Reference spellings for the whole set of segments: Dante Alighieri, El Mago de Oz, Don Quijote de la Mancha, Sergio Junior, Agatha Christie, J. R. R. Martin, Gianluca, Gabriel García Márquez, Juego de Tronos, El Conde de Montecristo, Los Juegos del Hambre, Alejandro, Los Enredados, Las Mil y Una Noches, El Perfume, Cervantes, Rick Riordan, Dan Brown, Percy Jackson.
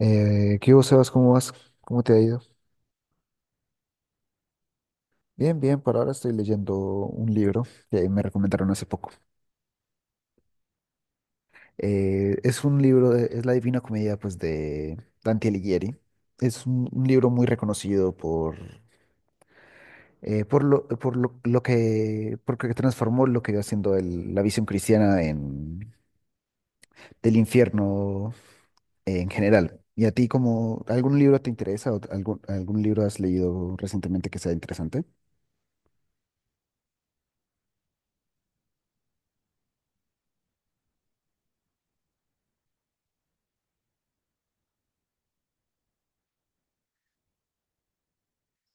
¿Qué hubo, Sebas? ¿Cómo vas? ¿Cómo te ha ido? Bien, bien, por ahora estoy leyendo un libro que me recomendaron hace poco. Es un libro, es La Divina Comedia, pues, de Dante Alighieri. Es un libro muy reconocido porque transformó lo que iba siendo la visión cristiana del infierno en general. ¿Y a ti, como algún libro te interesa o algún libro has leído recientemente que sea interesante?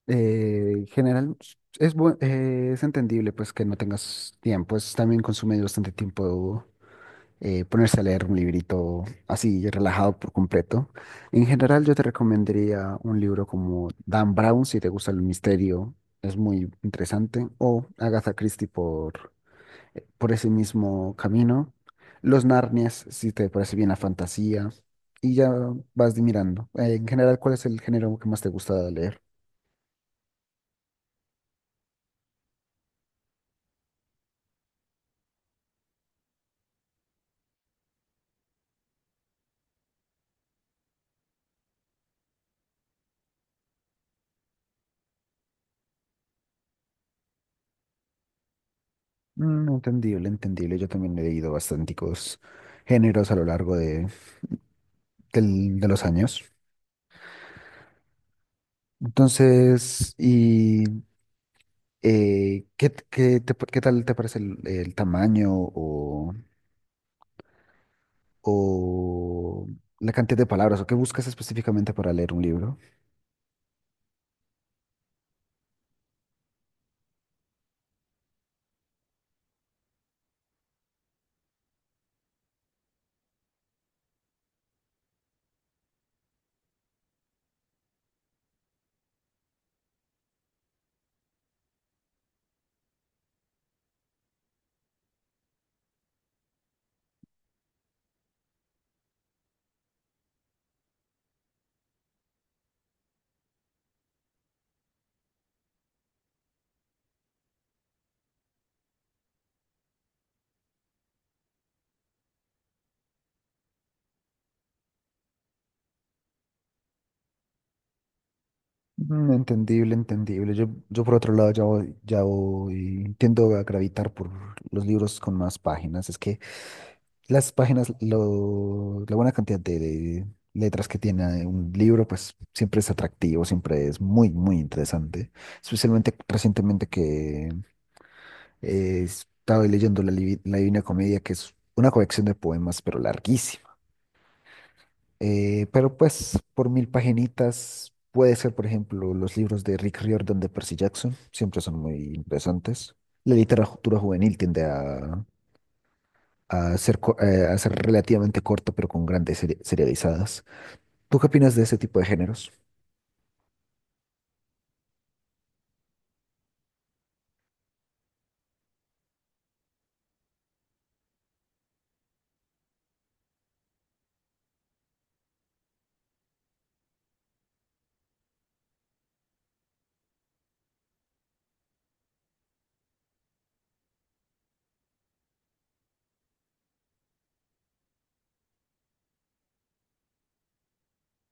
General, es entendible pues que no tengas tiempo, es también consume bastante tiempo ponerse a leer un librito así relajado por completo. En general yo te recomendaría un libro como Dan Brown si te gusta el misterio, es muy interesante, o Agatha Christie por ese mismo camino, Los Narnias si te parece bien la fantasía, y ya vas mirando. En general, ¿cuál es el género que más te gusta leer? Mm, entendible, entendible. Yo también he leído bastanticos géneros a lo largo de los años. Entonces, qué tal te parece el tamaño o la cantidad de palabras o qué buscas específicamente para leer un libro? Mm, entendible, entendible. Yo por otro lado tiendo a gravitar por los libros con más páginas. Es que las páginas, la buena cantidad de letras que tiene un libro, pues siempre es atractivo, siempre es muy, muy interesante. Especialmente recientemente que estaba leyendo La Divina Comedia, que es una colección de poemas, pero larguísima. Pero pues por 1000 paginitas puede ser, por ejemplo, los libros de Rick Riordan de Percy Jackson, siempre son muy interesantes. La literatura juvenil tiende a ser, a ser relativamente corto, pero con grandes serializadas. ¿Tú qué opinas de ese tipo de géneros?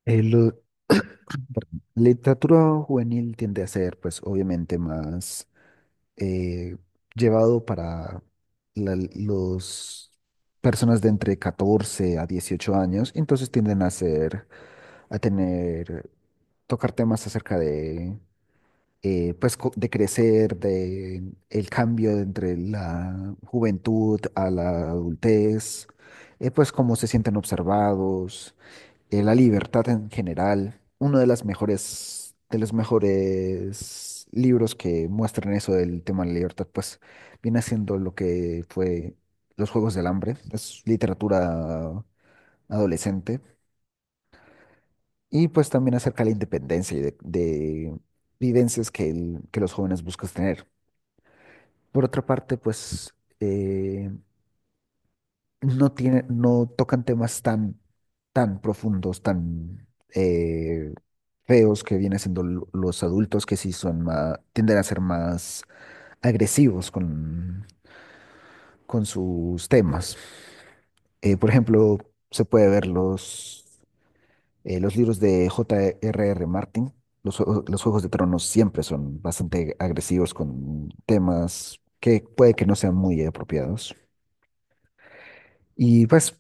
Eh, lo- Literatura juvenil tiende a ser, pues, obviamente más eh, llevado para los personas de entre 14 a 18 años, entonces tienden a ser, a tener, tocar temas acerca de pues de crecer, de el cambio entre la juventud a la adultez, pues cómo se sienten observados, la libertad en general. Uno de las mejores, de los mejores libros que muestran eso del tema de la libertad, pues viene siendo lo que fue Los Juegos del Hambre, es literatura adolescente, y pues también acerca de la independencia y de vivencias que, que los jóvenes buscan tener. Por otra parte, pues eh, no tocan temas tan, tan profundos, tan eh, feos que vienen siendo los adultos que sí son más, tienden a ser más agresivos con sus temas. Por ejemplo, se puede ver los libros de J. R. R. Martin. Los Juegos de Tronos siempre son bastante agresivos con temas que puede que no sean muy apropiados. Y pues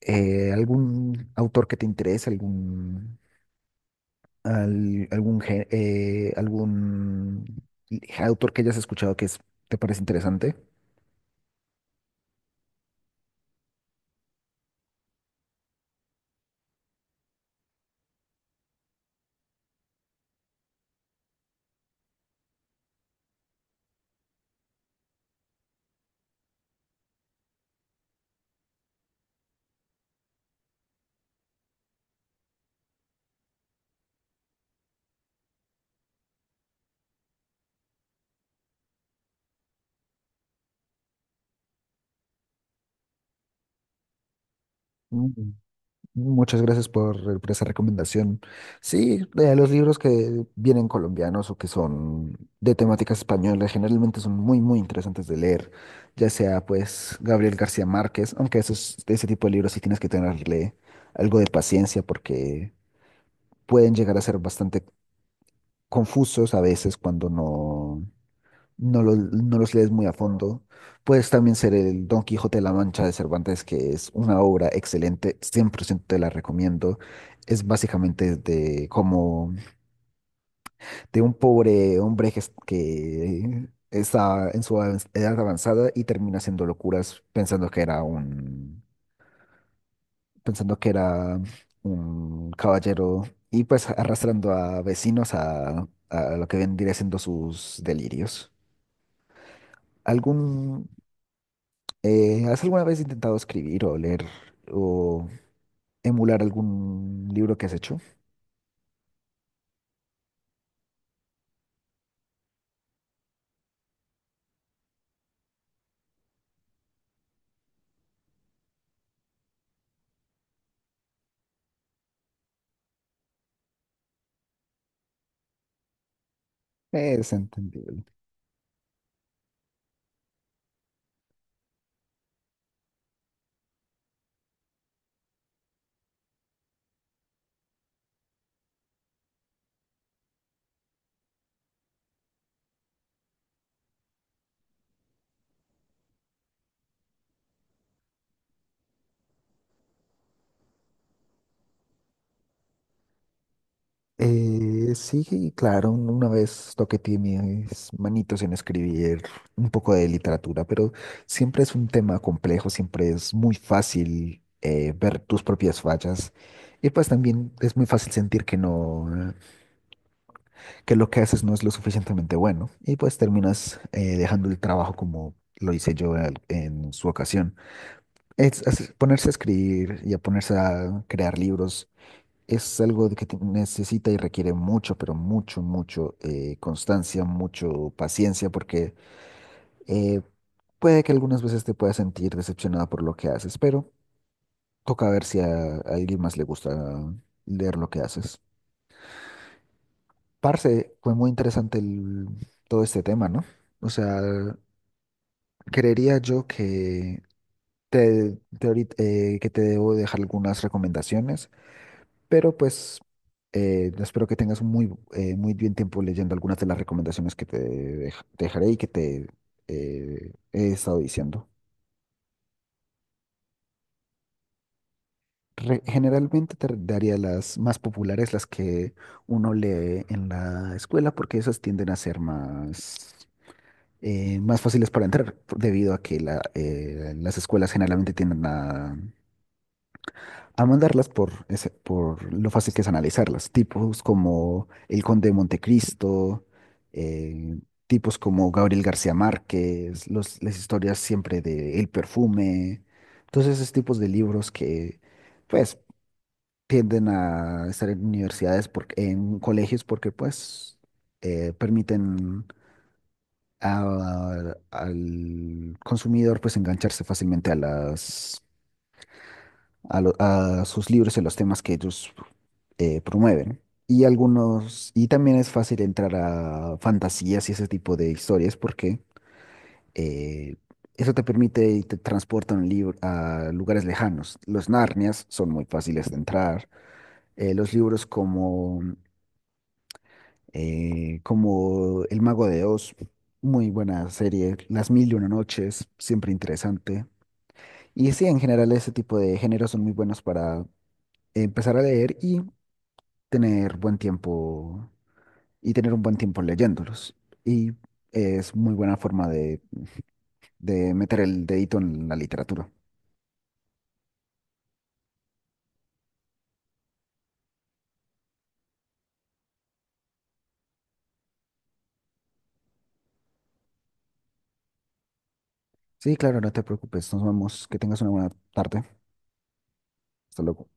algún autor que te interese, algún, al- algún, gé- algún autor que hayas escuchado te parece interesante. Mm. Muchas gracias por esa recomendación. Sí, los libros que vienen colombianos o que son de temáticas españolas generalmente son muy, muy interesantes de leer, ya sea pues Gabriel García Márquez, aunque de ese tipo de libros sí tienes que tenerle algo de paciencia porque pueden llegar a ser bastante confusos a veces cuando no los lees muy a fondo. Puedes también ser el Don Quijote de la Mancha de Cervantes, que es una obra excelente, 100% te la recomiendo. Es básicamente de como de un pobre hombre que está en su edad avanzada y termina haciendo locuras pensando que era un caballero y pues arrastrando a vecinos a lo que vendría siendo sus delirios. ¿Algún, Has alguna vez intentado escribir o leer o emular algún libro que has hecho? Es entendible. Sí, claro, una vez toqué mis manitos en escribir un poco de literatura, pero siempre es un tema complejo, siempre es muy fácil ver tus propias fallas y pues también es muy fácil sentir que no. Que lo que haces no es lo suficientemente bueno y pues terminas dejando el trabajo como lo hice yo en su ocasión. Es ponerse a escribir y a ponerse a crear libros es algo de que necesita y requiere mucho, pero mucho, mucho constancia, mucho paciencia porque eh, puede que algunas veces te puedas sentir decepcionada por lo que haces, pero toca ver si a alguien más le gusta leer lo que haces. Parce, fue muy interesante todo este tema, ¿no? O sea, creería yo que que te debo dejar algunas recomendaciones, pero pues espero que tengas un muy bien tiempo leyendo algunas de las recomendaciones que te dejaré y que te he estado diciendo. Generalmente te daría las más populares, las que uno lee en la escuela, porque esas tienden a ser más fáciles para entrar, debido a que las escuelas generalmente tienden a mandarlas por lo fácil que es analizarlas. Tipos como El Conde de Montecristo, eh, tipos como Gabriel García Márquez, las historias siempre de El Perfume, todos esos tipos de libros que pues tienden a estar en universidades, porque, en colegios, porque pues permiten al consumidor pues engancharse fácilmente a las... A sus libros y a los temas que ellos promueven. Y también es fácil entrar a fantasías y ese tipo de historias porque eh, eso te permite y te transporta un libro a lugares lejanos. Los Narnias son muy fáciles de entrar. Los libros como El Mago de Oz, muy buena serie. Las Mil y Una Noches, siempre interesante. Y sí, en general ese tipo de géneros son muy buenos para empezar a leer y tener buen tiempo tener un buen tiempo leyéndolos. Y es muy buena forma de meter el dedito en la literatura. Sí, claro, no te preocupes. Nos vemos. Que tengas una buena tarde. Hasta luego.